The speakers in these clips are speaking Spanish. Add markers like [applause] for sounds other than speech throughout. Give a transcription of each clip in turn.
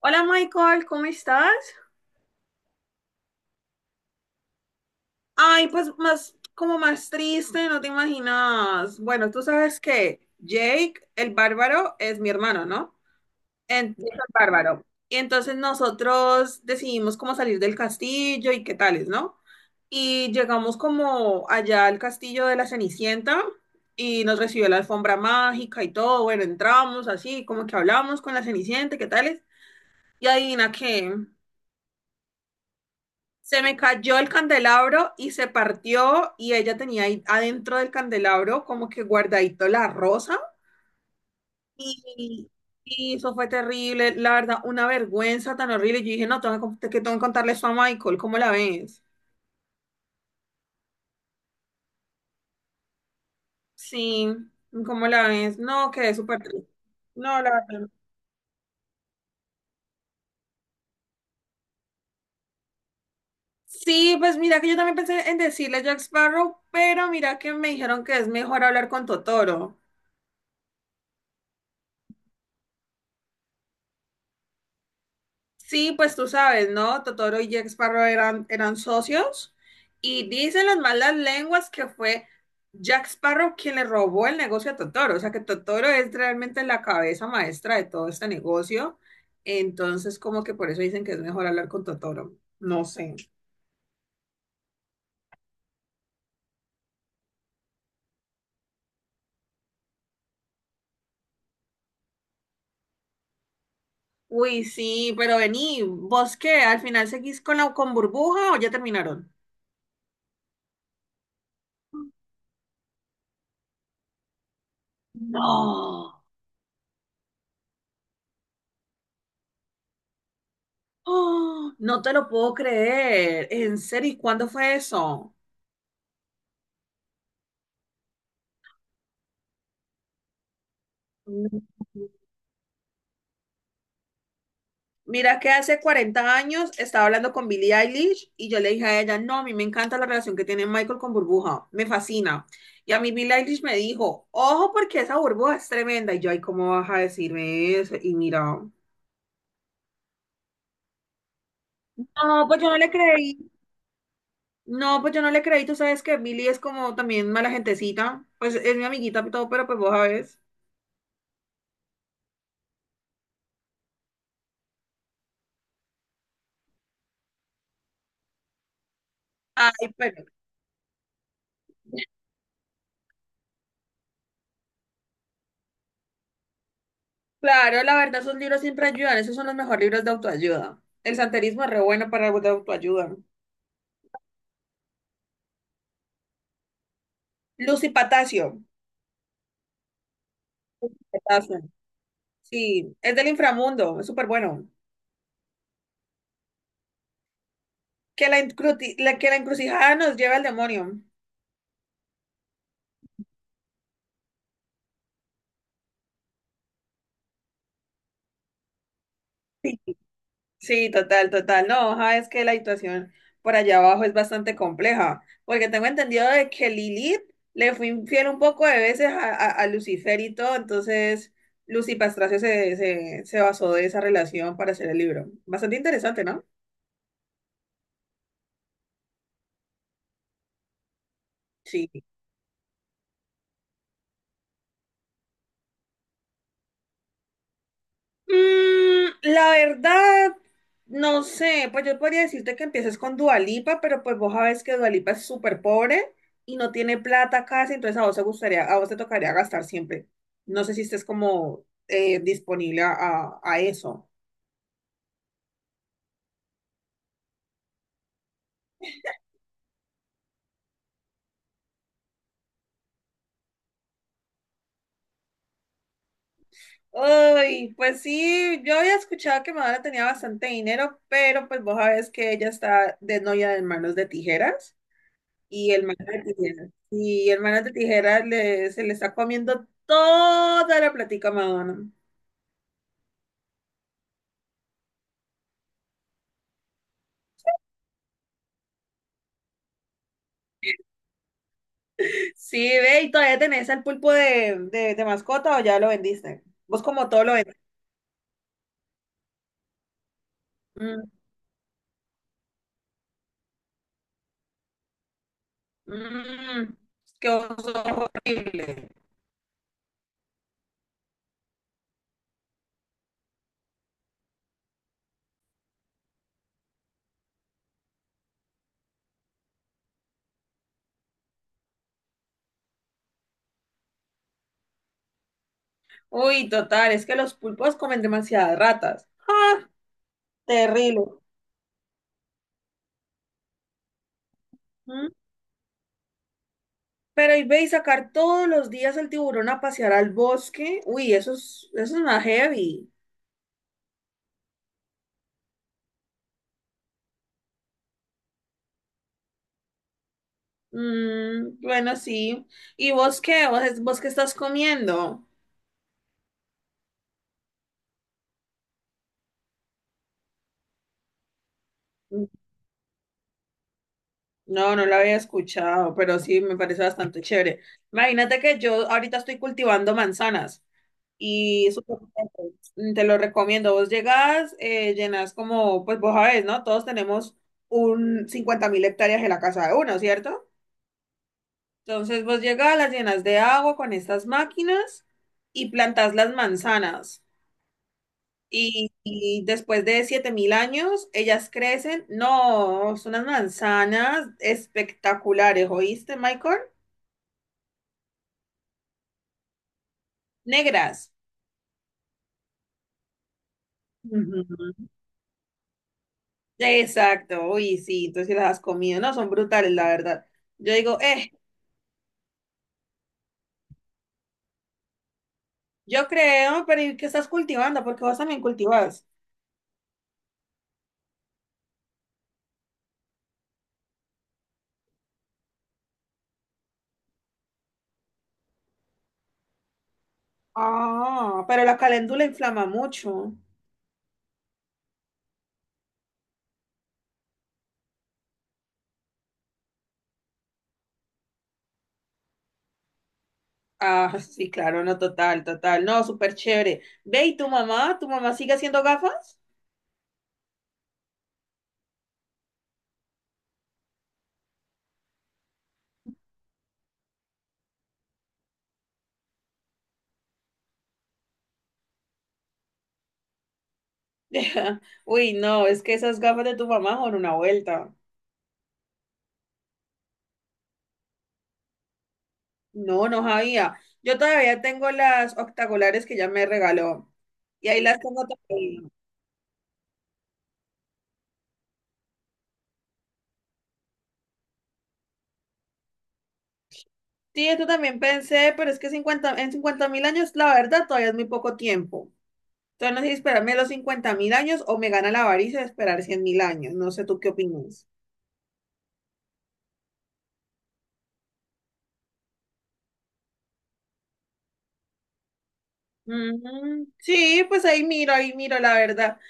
Hola Michael, ¿cómo estás? Ay, pues más, como más triste, no te imaginas. Bueno, tú sabes que Jake, el bárbaro, es mi hermano, ¿no? Jake el bárbaro. Y entonces nosotros decidimos cómo salir del castillo y qué tales, ¿no? Y llegamos como allá al castillo de la Cenicienta y nos recibió la alfombra mágica y todo. Bueno, entramos así, como que hablamos con la Cenicienta, qué tales. Y adivina qué. Se me cayó el candelabro y se partió y ella tenía ahí adentro del candelabro como que guardadito la rosa y, y eso fue terrible, la verdad, una vergüenza tan horrible. Yo dije, no, tengo que contarle eso a Michael, ¿cómo la ves? Sí, ¿cómo la ves? No, quedé súper triste. No, la verdad. Sí, pues mira que yo también pensé en decirle a Jack Sparrow, pero mira que me dijeron que es mejor hablar con Totoro. Sí, pues tú sabes, ¿no? Totoro y Jack Sparrow eran socios y dicen las malas lenguas que fue Jack Sparrow quien le robó el negocio a Totoro, o sea que Totoro es realmente la cabeza maestra de todo este negocio, entonces como que por eso dicen que es mejor hablar con Totoro, no sé. Uy, sí, pero vení, ¿vos qué? ¿Al final seguís con Burbuja o ya terminaron? No, [gasps] ¡Oh! No te lo puedo creer, en serio, ¿y cuándo fue eso? Mm. Mira que hace 40 años estaba hablando con Billie Eilish y yo le dije a ella, no, a mí me encanta la relación que tiene Michael con Burbuja, me fascina. Y a mí Billie Eilish me dijo, ojo porque esa burbuja es tremenda. Y yo, ay, ¿cómo vas a decirme eso? Y mira, no, pues yo no le creí. No, pues yo no le creí. Tú sabes que Billie es como también mala gentecita. Pues es mi amiguita y todo, pero pues vos sabes. Ay, pero claro, la verdad, esos libros siempre ayudan. Esos son los mejores libros de autoayuda. El santerismo es re bueno para algo de autoayuda. Lucy Patacio. Patacio. Sí, es del inframundo, es súper bueno. Que la encrucijada nos lleve al demonio. Sí, sí, total, total. No, ajá, es que la situación por allá abajo es bastante compleja, porque tengo entendido de que Lilith le fue infiel un poco de veces a Lucifer y todo, entonces Lucy Pastracio se basó de esa relación para hacer el libro. Bastante interesante, ¿no? Sí. Mm, la verdad, no sé, pues yo podría decirte que empieces con Dualipa, pero pues vos sabés que Dualipa es súper pobre y no tiene plata casi, entonces a vos te gustaría, a vos te tocaría gastar siempre. No sé si estés como disponible a eso. Ay, pues sí, yo había escuchado que Madonna tenía bastante dinero, pero pues vos sabés que ella está de novia de manos de tijeras. Y el man de tijera. Y el man de tijera le, se le está comiendo toda la platica a Madonna. Sí, ve, ¿y todavía tenés al pulpo de mascota o ya lo vendiste? Vos como todo lo vendiste. Mm, mm, qué oso horrible. Uy, total, es que los pulpos comen demasiadas ratas. ¡Ah! Terrible. ¿Mm? Pero y ve y sacar todos los días el tiburón a pasear al bosque. Uy, eso es una heavy. Mm, bueno, sí. ¿Y vos qué? ¿Vos qué estás comiendo? Mm, no, no lo había escuchado, pero sí me parece bastante chévere. Imagínate que yo ahorita estoy cultivando manzanas y es súper rico. Mm, te lo recomiendo. Vos llegás, llenas como, pues vos sabés, ¿no? Todos tenemos un 50.000 hectáreas en la casa de uno, ¿cierto? Entonces vos llegás, las llenas de agua con estas máquinas y plantás las manzanas. Y después de 7.000 años, ellas crecen. No, son unas manzanas espectaculares, ¿oíste, Michael? Negras. Ujú. Exacto, uy, sí, entonces sí las has comido, no, son brutales, la verdad. Yo digo, yo creo, pero ¿y qué estás cultivando? Porque vos también cultivas. Ah, pero la caléndula inflama mucho. Ah, sí, claro, no, total, total, no, súper chévere. Ve, ¿y tu mamá? ¿Tu mamá sigue haciendo gafas? [laughs] Uy, no, es que esas gafas de tu mamá son una vuelta. No, no sabía. Yo todavía tengo las octagolares que ya me regaló. Y ahí las tengo todavía. Sí, esto también pensé, pero es que 50 en 50.000 años, la verdad, todavía es muy poco tiempo. Entonces, no sé si esperarme los 50.000 años o me gana la avaricia de esperar 100.000 años. No sé tú qué opinas. Mm, sí, pues ahí miro, la verdad.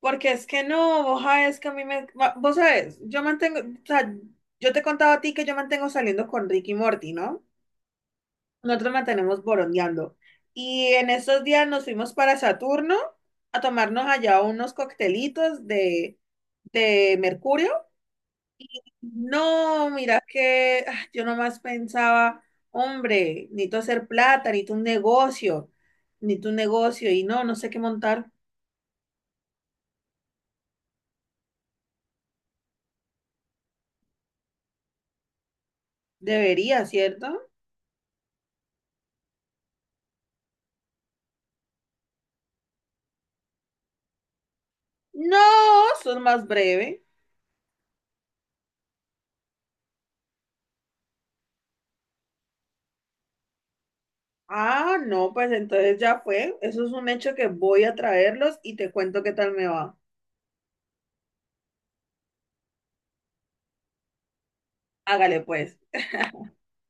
Porque es que no, vos sabés que a mí me. Vos sabés, yo mantengo. O sea, yo te he contado a ti que yo mantengo saliendo con Ricky y Morty, ¿no? Nosotros mantenemos borondeando. Y en estos días nos fuimos para Saturno a tomarnos allá unos coctelitos de mercurio. No, mira que yo nomás pensaba, hombre, necesito hacer plata, necesito un negocio, necesito un negocio. Y no, no sé qué montar. Debería, ¿cierto? No, sos más breve. Ah, no, pues entonces ya fue. Eso es un hecho que voy a traerlos y te cuento qué tal me va. Hágale pues.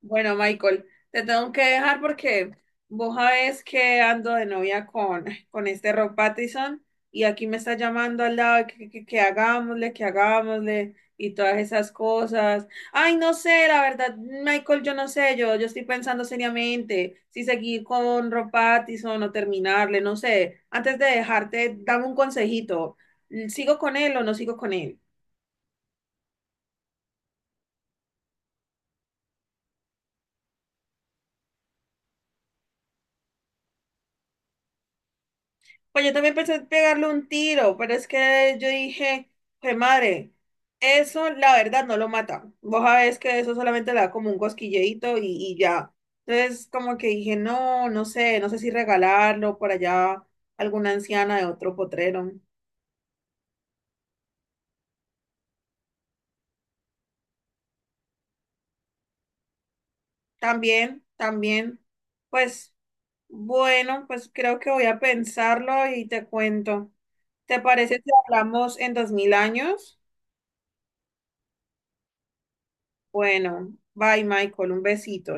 Bueno, Michael, te tengo que dejar porque vos sabés que ando de novia con este Rob Pattinson y aquí me está llamando al lado que hagámosle, que hagámosle y todas esas cosas. Ay, no sé, la verdad, Michael, yo no sé, yo estoy pensando seriamente si seguir con Rob Pattinson o terminarle, no sé. Antes de dejarte, dame un consejito. ¿Sigo con él o no sigo con él? Pues yo también pensé en pegarle un tiro, pero es que yo dije, pues madre, eso la verdad no lo mata. Vos sabés que eso solamente le da como un cosquilleito y ya. Entonces como que dije, no, no sé si regalarlo por allá a alguna anciana de otro potrero. También, también, pues bueno, pues creo que voy a pensarlo y te cuento. ¿Te parece si hablamos en 2.000 años? Bueno, bye Michael, un besito.